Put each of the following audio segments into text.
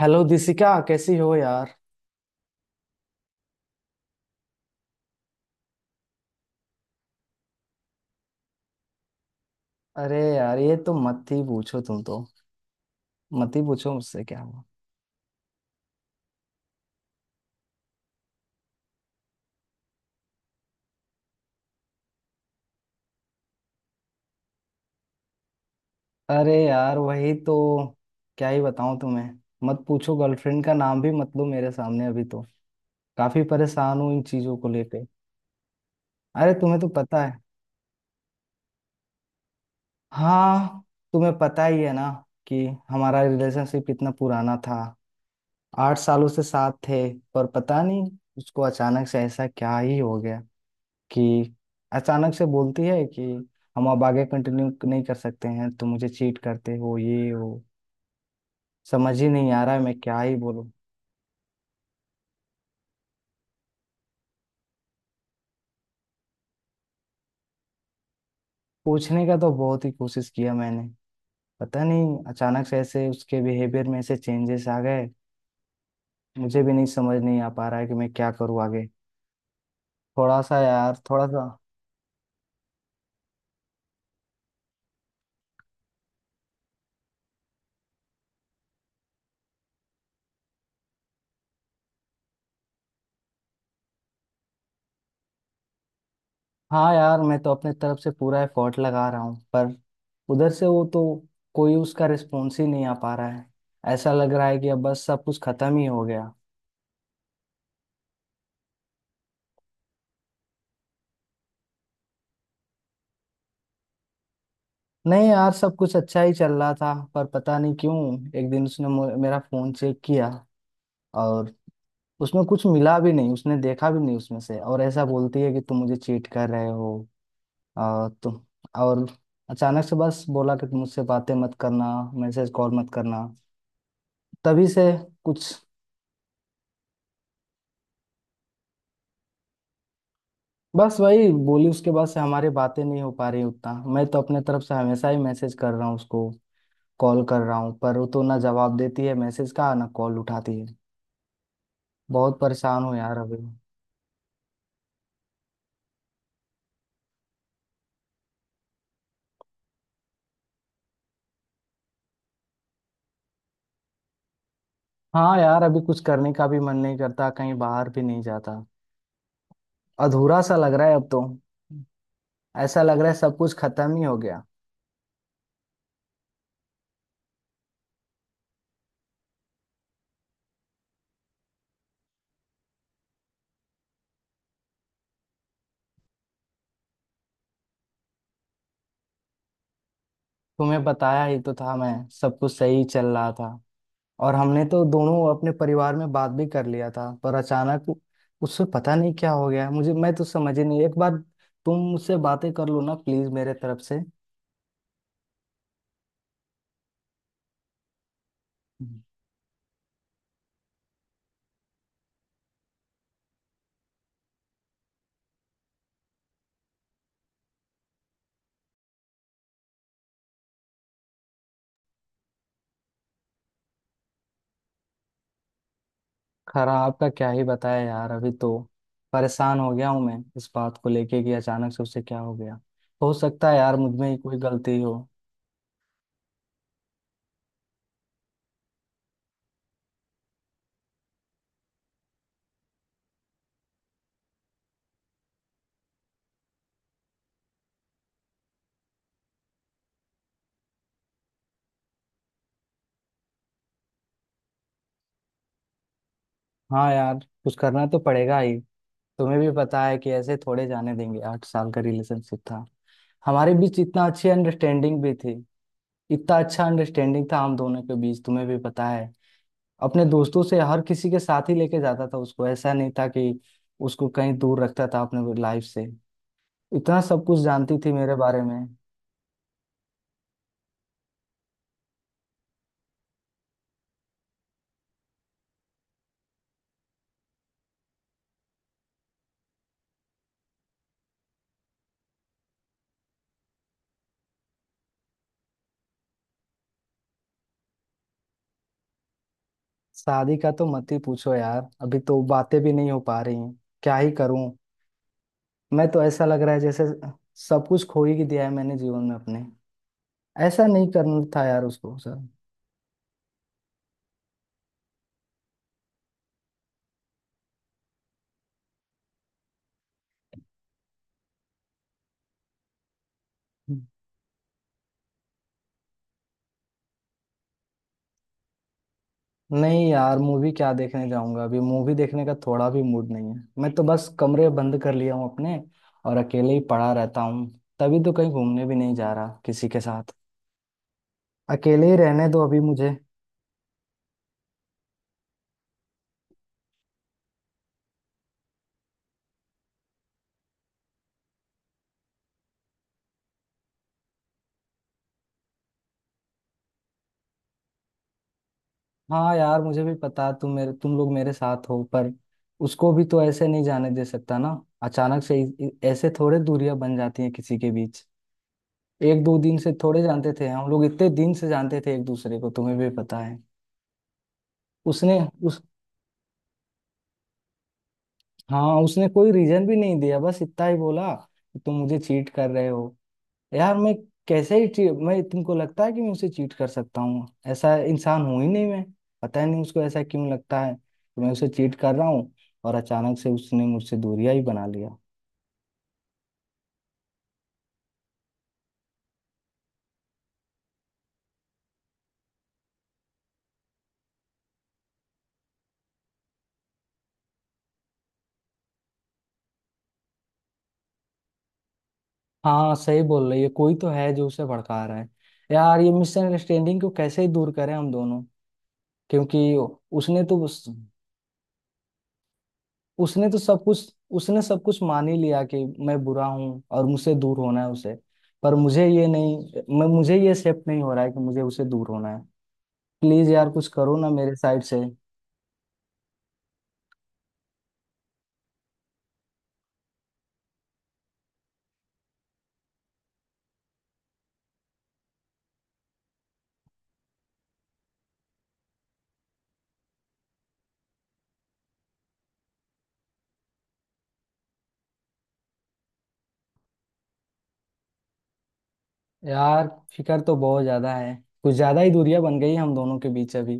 Hello Dishika, कैसी हो यार। अरे यार, ये तो मत ही पूछो। तुम तो मत ही पूछो मुझसे क्या हुआ। अरे यार, वही तो क्या ही बताऊं तुम्हें। मत पूछो, गर्लफ्रेंड का नाम भी मत लो मेरे सामने अभी तो। काफी परेशान हूं इन चीजों को लेके। अरे तुम्हें तो पता है। हाँ, तुम्हें पता ही है ना कि हमारा रिलेशनशिप इतना पुराना था। 8 सालों से साथ थे। पर पता नहीं उसको अचानक से ऐसा क्या ही हो गया कि अचानक से बोलती है कि हम अब आगे कंटिन्यू नहीं कर सकते हैं। तुम मुझे चीट करते हो, ये हो। समझ ही नहीं आ रहा है मैं क्या ही बोलूं। पूछने का तो बहुत ही कोशिश किया मैंने। पता नहीं अचानक से ऐसे उसके बिहेवियर में ऐसे चेंजेस आ गए। मुझे भी नहीं समझ नहीं आ पा रहा है कि मैं क्या करूँ आगे। थोड़ा सा यार, थोड़ा सा। हाँ यार, मैं तो अपने तरफ से पूरा एफर्ट लगा रहा हूँ, पर उधर से वो तो कोई उसका रिस्पॉन्स ही नहीं आ पा रहा है। ऐसा लग रहा है कि अब बस सब कुछ खत्म ही हो गया। नहीं यार, सब कुछ अच्छा ही चल रहा था, पर पता नहीं क्यों एक दिन उसने मेरा फोन चेक किया। और उसमें कुछ मिला भी नहीं, उसने देखा भी नहीं उसमें से, और ऐसा बोलती है कि तुम मुझे चीट कर रहे हो। और तुम और अचानक से बस बोला कि तुम मुझसे बातें मत करना, मैसेज कॉल मत करना। तभी से कुछ बस वही बोली। उसके बाद से हमारी बातें नहीं हो पा रही उतना। मैं तो अपने तरफ से हमेशा ही मैसेज कर रहा हूँ उसको, कॉल कर रहा हूँ, पर वो तो ना जवाब देती है मैसेज का, ना कॉल उठाती है। बहुत परेशान हूँ यार अभी। हाँ यार, अभी कुछ करने का भी मन नहीं करता, कहीं बाहर भी नहीं जाता। अधूरा सा लग रहा है अब तो। ऐसा लग रहा है सब कुछ खत्म ही हो गया। तुम्हें बताया ही तो था मैं, सब कुछ सही चल रहा था। और हमने तो दोनों अपने परिवार में बात भी कर लिया था, पर अचानक उससे पता नहीं क्या हो गया मुझे। मैं तो समझ ही नहीं। एक बार तुम मुझसे बातें कर लो ना प्लीज मेरे तरफ से। खराब का क्या ही बताया यार, अभी तो परेशान हो गया हूं मैं इस बात को लेके कि अचानक से उसे क्या हो गया। हो सकता है यार मुझ में ही कोई गलती हो। हाँ यार, कुछ करना तो पड़ेगा ही। तुम्हें भी पता है कि ऐसे थोड़े जाने देंगे। 8 साल का रिलेशनशिप था। हमारे बीच इतना अच्छी अंडरस्टैंडिंग भी थी। इतना अच्छा अंडरस्टैंडिंग था हम दोनों के बीच, तुम्हें भी पता है। अपने दोस्तों से हर किसी के साथ ही लेके जाता था उसको, ऐसा नहीं था कि उसको कहीं दूर रखता था अपने लाइफ से। इतना सब कुछ जानती थी मेरे बारे में। शादी का तो मत ही पूछो यार, अभी तो बातें भी नहीं हो पा रही हैं। क्या ही करूं। मैं तो ऐसा लग रहा है जैसे सब कुछ खो ही दिया है मैंने जीवन में अपने। ऐसा नहीं करना था यार उसको सर। नहीं यार, मूवी क्या देखने जाऊंगा? अभी मूवी देखने का थोड़ा भी मूड नहीं है। मैं तो बस कमरे बंद कर लिया हूँ अपने, और अकेले ही पड़ा रहता हूँ। तभी तो कहीं घूमने भी नहीं जा रहा किसी के साथ। अकेले ही रहने दो अभी मुझे। हाँ यार, मुझे भी पता, तुम मेरे, तुम लोग मेरे साथ हो, पर उसको भी तो ऐसे नहीं जाने दे सकता ना। अचानक से ऐसे थोड़े दूरियां बन जाती हैं किसी के बीच। एक दो दिन से थोड़े जानते थे हम लोग, इतने दिन से जानते थे एक दूसरे को, तुम्हें भी पता है। उसने उस हाँ, उसने कोई रीजन भी नहीं दिया, बस इतना ही बोला कि तुम मुझे चीट कर रहे हो। यार मैं कैसे ही मैं, तुमको लगता है कि मैं उसे चीट कर सकता हूँ? ऐसा इंसान हूं ही नहीं मैं। पता ही नहीं उसको ऐसा क्यों लगता है कि मैं उसे चीट कर रहा हूँ। और अचानक से उसने मुझसे दूरियां ही बना लिया। हाँ सही बोल रही है, कोई तो है जो उसे भड़का रहा है। यार ये मिसअंडरस्टैंडिंग को कैसे ही दूर करें हम दोनों? क्योंकि उसने तो उस, उसने तो सब कुछ, उसने सब कुछ मान ही लिया कि मैं बुरा हूँ और मुझसे दूर होना है उसे। पर मुझे ये नहीं, मैं मुझे ये एक्सेप्ट नहीं हो रहा है कि मुझे उसे दूर होना है। प्लीज यार कुछ करो ना मेरे साइड से। यार, फिकर तो बहुत ज्यादा है। कुछ ज्यादा ही दूरियां बन गई हम दोनों के बीच अभी।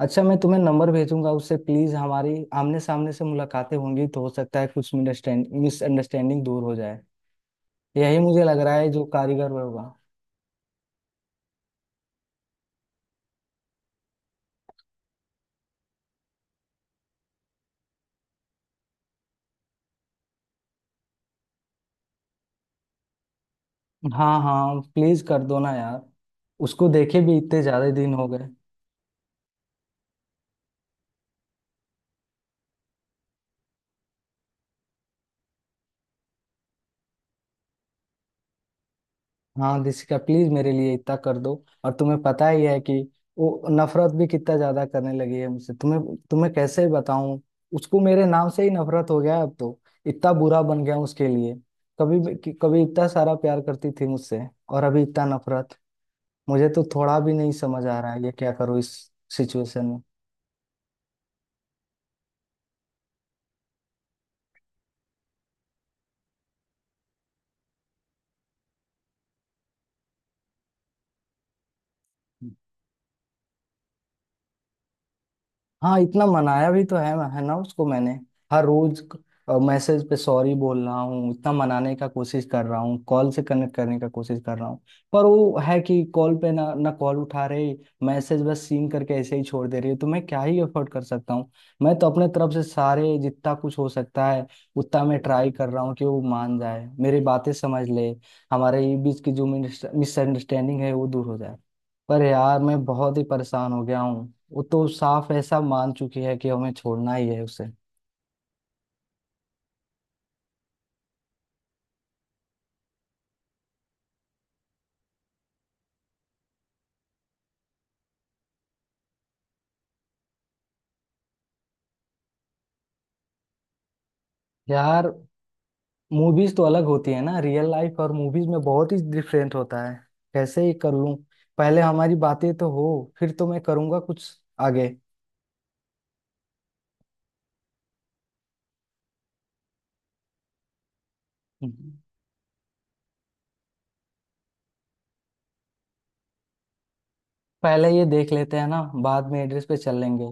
अच्छा, मैं तुम्हें नंबर भेजूंगा उससे, प्लीज हमारी आमने सामने से मुलाकातें होंगी तो हो सकता है कुछ मिसअंडरस्टैंडिंग दूर हो जाए। यही मुझे लग रहा है जो कारीगर होगा। हाँ हाँ, प्लीज कर दो ना यार। उसको देखे भी इतने ज्यादा दिन हो गए। हाँ दिसिका, प्लीज मेरे लिए इतना कर दो। और तुम्हें पता ही है कि वो नफरत भी कितना ज्यादा करने लगी है मुझसे, तुम्हें तुम्हें कैसे बताऊं। उसको मेरे नाम से ही नफरत हो गया है अब तो। इतना बुरा बन गया हूं उसके लिए। कभी भी- कि- कभी इतना सारा प्यार करती थी मुझसे, और अभी इतना नफरत। मुझे तो थोड़ा भी नहीं समझ आ रहा है ये क्या करूं इस सिचुएशन में। हाँ, इतना मनाया भी तो है ना उसको मैंने। हर रोज मैसेज पे सॉरी बोल रहा हूँ, इतना मनाने का कोशिश कर रहा हूँ, कॉल से कनेक्ट करने का कोशिश कर रहा हूँ, पर वो है कि कॉल पे ना ना कॉल उठा रही, मैसेज बस सीन करके ऐसे ही छोड़ दे रही है, तो मैं क्या ही एफर्ट कर सकता हूँ? मैं तो अपने तरफ से सारे जितना कुछ हो सकता है उतना मैं ट्राई कर रहा हूँ कि वो मान जाए, मेरी बातें समझ ले, हमारे बीच की जो मिसअंडरस्टैंडिंग है वो दूर हो जाए। पर यार मैं बहुत ही परेशान हो गया हूँ, वो तो साफ ऐसा मान चुकी है कि हमें छोड़ना ही है उसे। यार मूवीज तो अलग होती है ना, रियल लाइफ और मूवीज में बहुत ही डिफरेंट होता है। कैसे ही कर लूं? पहले हमारी बातें तो हो, फिर तो मैं करूंगा कुछ आगे। हम्म। पहले ये देख लेते हैं ना, बाद में एड्रेस पे चल लेंगे।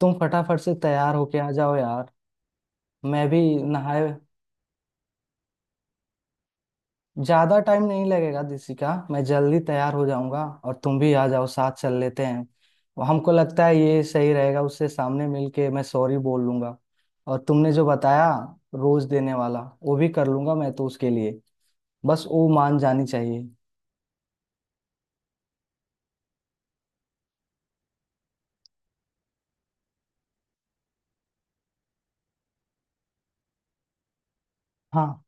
तुम फटाफट से तैयार होके आ जाओ यार, मैं भी नहाए। ज्यादा टाइम नहीं लगेगा दिसिका, मैं जल्दी तैयार हो जाऊंगा और तुम भी आ जाओ, साथ चल लेते हैं। हमको लगता है ये सही रहेगा, उससे सामने मिलके मैं सॉरी बोल लूंगा। और तुमने जो बताया, रोज देने वाला, वो भी कर लूंगा मैं तो उसके लिए। बस वो मान जानी चाहिए। हाँ,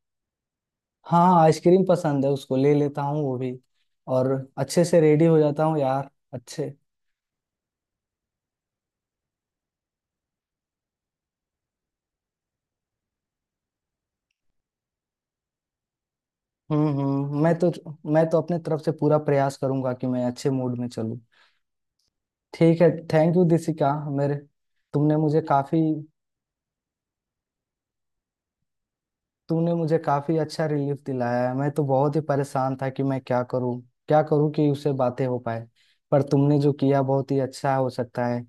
हाँ आइसक्रीम पसंद है उसको, ले लेता हूँ वो भी। और अच्छे से रेडी हो जाता हूँ यार, अच्छे। हम्म, हम्म। मैं तो अपने तरफ से पूरा प्रयास करूंगा कि मैं अच्छे मूड में चलूँ। ठीक है, थैंक यू दिसिका। मेरे तुमने मुझे काफी तुमने मुझे काफी अच्छा रिलीफ दिलाया है। मैं तो बहुत ही परेशान था कि मैं क्या करूं, क्या करूं कि उससे बातें हो पाए, पर तुमने जो किया बहुत ही अच्छा हो सकता है।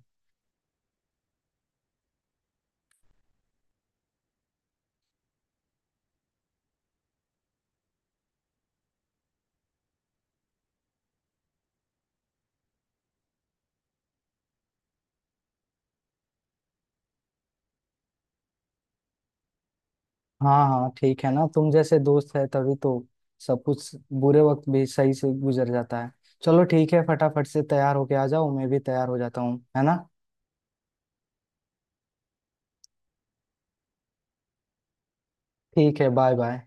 हाँ हाँ, ठीक है ना, तुम जैसे दोस्त है तभी तो सब कुछ, बुरे वक्त भी सही से गुजर जाता है। चलो ठीक है, फटाफट से तैयार होके आ जाओ, मैं भी तैयार हो जाता हूँ, है ना। ठीक है, बाय बाय।